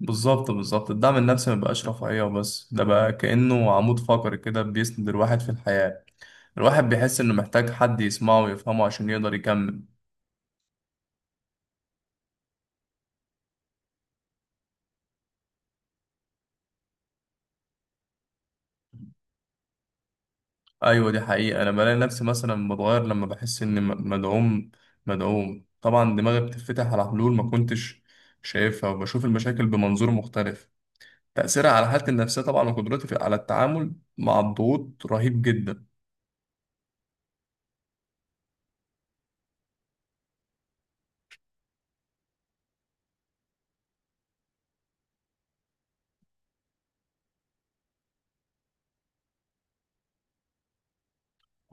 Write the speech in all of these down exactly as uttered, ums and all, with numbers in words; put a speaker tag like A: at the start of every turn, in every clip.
A: بالظبط بالظبط، الدعم النفسي مبقاش رفاهية وبس، ده بقى كأنه عمود فقري كده بيسند الواحد في الحياة. الواحد بيحس إنه محتاج حد يسمعه ويفهمه عشان يقدر يكمل. أيوة دي حقيقة، أنا بلاقي نفسي مثلا بتغير لما بحس إني م- مدعوم مدعوم طبعا دماغي بتتفتح على حلول ما كنتش شايفها، وبشوف المشاكل بمنظور مختلف. تأثيرها على حالتي النفسية طبعا، وقدرتي في- على التعامل مع الضغوط رهيب جدا.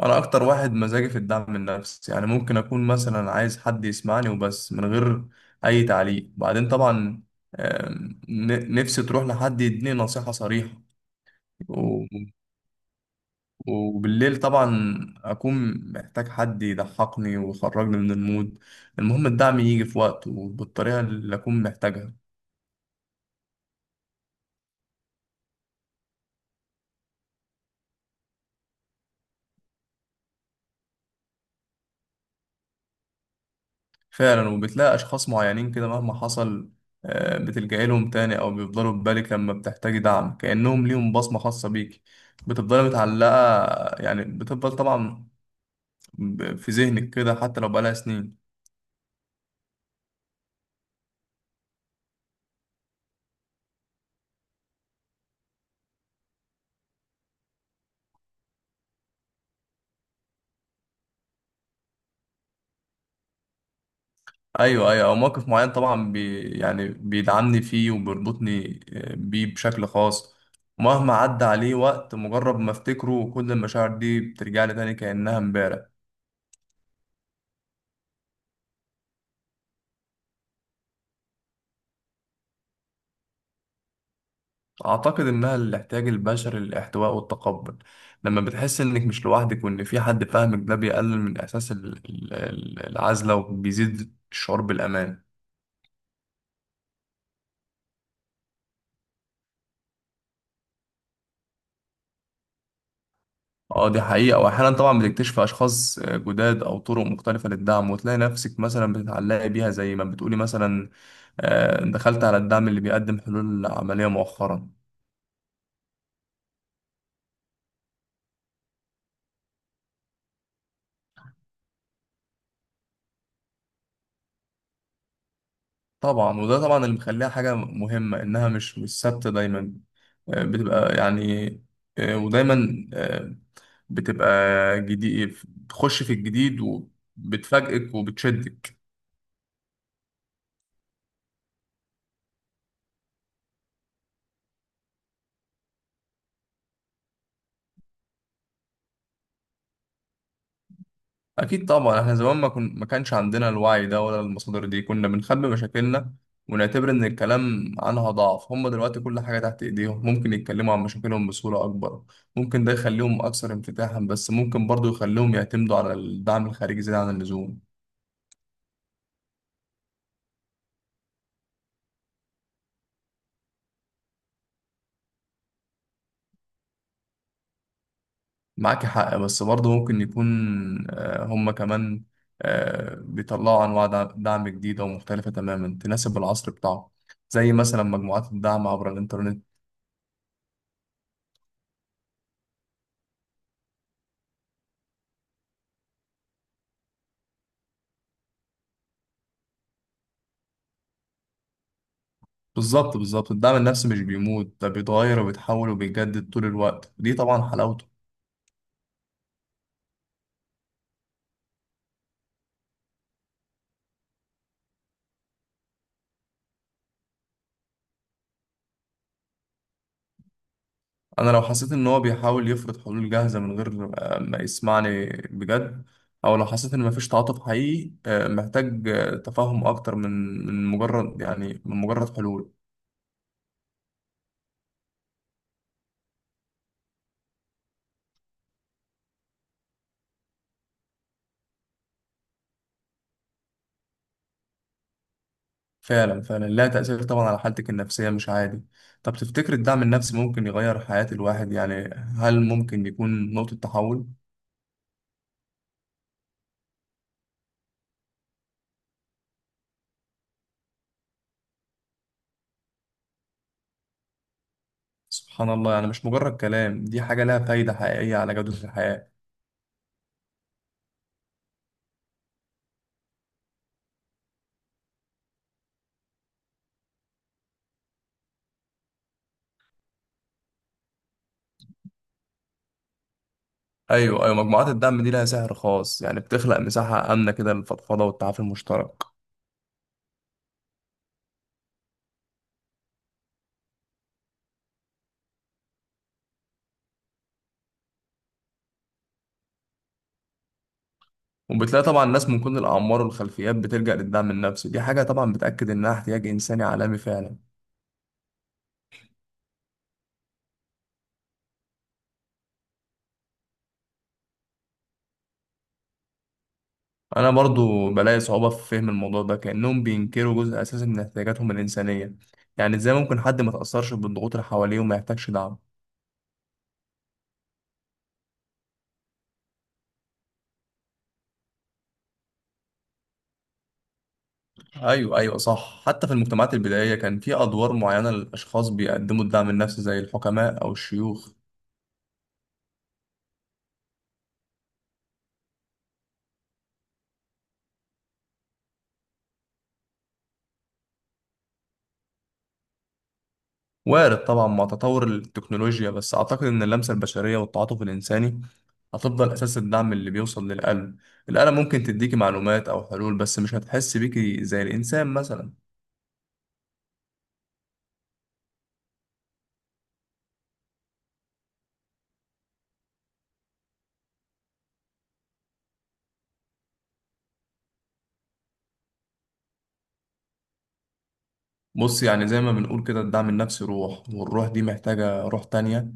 A: انا اكتر واحد مزاجي في الدعم النفسي، يعني ممكن اكون مثلا عايز حد يسمعني وبس من غير اي تعليق. بعدين طبعا، آم، ن- نفسي تروح لحد يديني نصيحة صريحة، و- وبالليل طبعا اكون محتاج حد يضحكني ويخرجني من المود. المهم الدعم يجي في وقته وبالطريقة اللي اكون محتاجها. فعلا، وبتلاقي أشخاص معينين كده مهما حصل، آه، بتلجأي لهم تاني أو بيفضلوا في بالك لما بتحتاجي دعم، كأنهم ليهم بصمة خاصة بيك. بتفضلي متعلقة، يعني بتفضل طبعا ب- في ذهنك كده حتى لو بقالها سنين. أيوه أيوه، أو موقف معين طبعا بي يعني بيدعمني فيه وبيربطني آه، بيه بشكل خاص. مهما عدى عليه وقت، مجرد ما أفتكره كل المشاعر دي بترجع لي تاني كأنها امبارح. أعتقد إنها الاحتياج البشري للاحتواء والتقبل. لما بتحس إنك مش لوحدك وإن في حد فاهمك، ده بيقلل من إحساس ال- ال- ال- العزلة، وبيزيد الشعور بالأمان. اه دي حقيقة، وأحيانا طبعا بتكتشف أشخاص جداد أو طرق مختلفة للدعم، وتلاقي نفسك مثلا بتتعلقي بيها زي ما بتقولي مثلا. آه، دخلت على الدعم اللي بيقدم حلول عملية مؤخرا. طبعا، وده طبعا اللي مخليها حاجة مهمة، إنها مش مش ثابتة دايما. آه، بتبقى يعني آه، ودايما آه، بتبقى جديد، تخش في الجديد، وبتفاجئك وبتشدك. اكيد طبعا، احنا زمان ما كن... ما كانش عندنا الوعي ده ولا المصادر دي، كنا بنخبي مشاكلنا ونعتبر ان الكلام عنها ضعف. هم دلوقتي كل حاجة تحت ايديهم، ممكن يتكلموا عن مشاكلهم بصورة اكبر. ممكن ده يخليهم اكثر انفتاحا، بس ممكن برضو يخليهم يعتمدوا على الدعم الخارجي زيادة عن اللزوم. معاك حق، بس برضه ممكن يكون آه، هم كمان آه، بيطلعوا أنواع دع- دعم جديدة ومختلفة تماما تناسب العصر بتاعه، زي مثلا مجموعات الدعم عبر الإنترنت. بالظبط بالظبط، الدعم النفسي مش بيموت، ده بيتغير وبيتحول وبيجدد طول الوقت، ودي طبعا حلاوته. أنا لو حسيت إن هو بيحاول يفرض حلول جاهزة من غير آه، ما يسمعني بجد، أو لو حسيت إن مفيش تعاطف حقيقي، آه، محتاج آه، تفاهم أكتر من من مجرد يعني من مجرد حلول. فعلا فعلا، لها تأثير طبعا على حالتك النفسية مش عادي. طب تفتكر الدعم النفسي ممكن يغير حياة الواحد؟ يعني هل ممكن يكون نقطة تحول؟ سبحان الله، يعني مش مجرد كلام، دي حاجة لها فايدة حقيقية على جودة الحياة. أيوة أيوة، مجموعات الدعم دي لها سحر خاص، يعني بتخلق مساحة آمنة كده للفضفضة والتعافي المشترك. وبتلاقي طبعا ناس من كل الأعمار والخلفيات بتلجأ للدعم النفسي، دي حاجة طبعا بتأكد إنها احتياج إنساني عالمي فعلا. انا برضو بلاقي صعوبة في فهم الموضوع ده، كأنهم بينكروا جزء اساسي من احتياجاتهم الإنسانية. يعني ازاي ممكن حد ما تأثرش بالضغوط اللي حواليه وما يحتاجش دعم؟ ايوه ايوه صح، حتى في المجتمعات البدائية كان في ادوار معينة للاشخاص بيقدموا الدعم النفسي زي الحكماء او الشيوخ. وارد طبعا مع تطور التكنولوجيا، بس اعتقد ان اللمسة البشرية والتعاطف الإنساني هتفضل اساس الدعم اللي بيوصل للقلب. الآلة ممكن تديكي معلومات او حلول، بس مش هتحس بيكي زي الانسان مثلا. بص، يعني زي ما بنقول كده، الدعم النفسي روح، والروح دي محتاجة روح تانية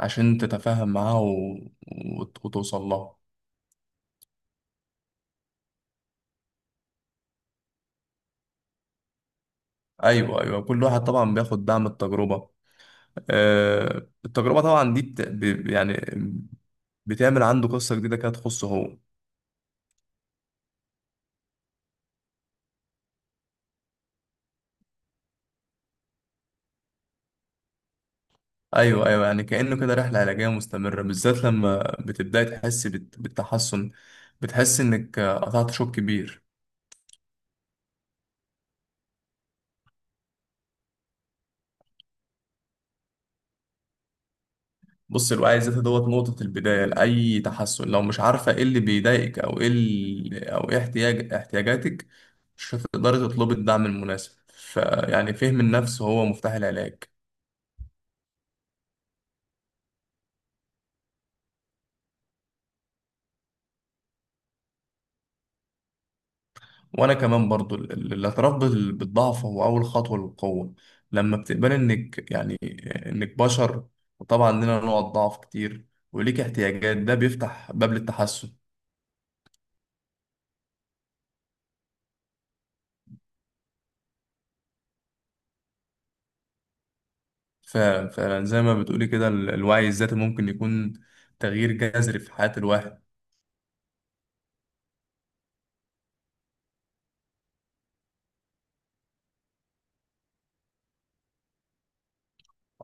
A: عشان تتفاهم معاها و... وت- وتوصل لها. أيوة أيوة، كل واحد طبعا بياخد دعم. التجربة، آه التجربة طبعا دي بت... ب... يعني بتعمل عنده قصة جديدة كده تخصه هو. أيوة أيوة، يعني كأنه كده رحلة علاجية مستمرة، بالذات لما بتبدأي تحس بت... بالتحسن، بتحس إنك قطعت شوط كبير. بص الوعي الذاتي دوت نقطة البداية لأي تحسن. لو مش عارفة ايه اللي بيضايقك، أو ايه ال- أو ايه احتياج احتياجاتك، مش هتقدري تطلبي الدعم المناسب. فيعني فهم النفس هو مفتاح العلاج. وأنا كمان برضو، ال- ال- الاعتراف بال- بالضعف هو أول خطوة للقوة. لما بتقبلي إنك يعني إنك بشر، وطبعا لنا نوع ضعف كتير، وليك احتياجات، ده بيفتح باب للتحسن. ف- فزي ما بتقولي كده، ال- الوعي الذاتي ممكن يكون تغيير جذري في حياة الواحد.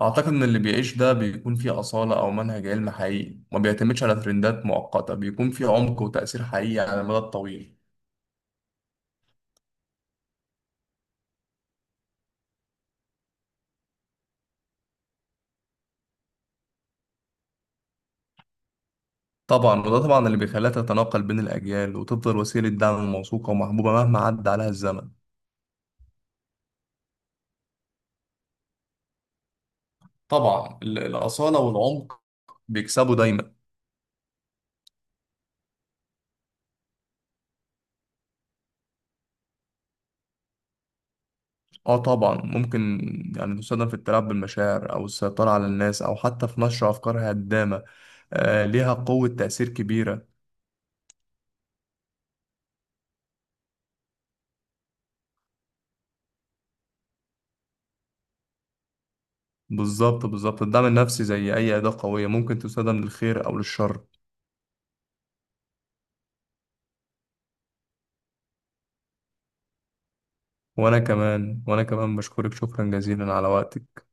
A: أعتقد إن اللي بيعيش ده بيكون فيه أصالة أو منهج علمي حقيقي، ما بيعتمدش على ترندات مؤقتة، بيكون فيه عمق وتأثير حقيقي على المدى الطويل. طبعا، وده طبعا اللي بيخليها تتناقل بين الأجيال وتفضل وسيلة دعم موثوقة ومحبوبة مهما عدى عليها الزمن. طبعا، ال- الأصالة والعمق بيكسبوا دايما. اه طبعا ممكن، يعني تستخدم في التلاعب بالمشاعر او السيطرة على الناس او حتى في نشر افكار هدامة. آه ليها قوة تأثير كبيرة. بالظبط بالظبط، الدعم النفسي زي أي أداة قوية ممكن تستخدم للخير أو للشر. وأنا كمان وأنا كمان بشكرك شكرا جزيلا على وقتك.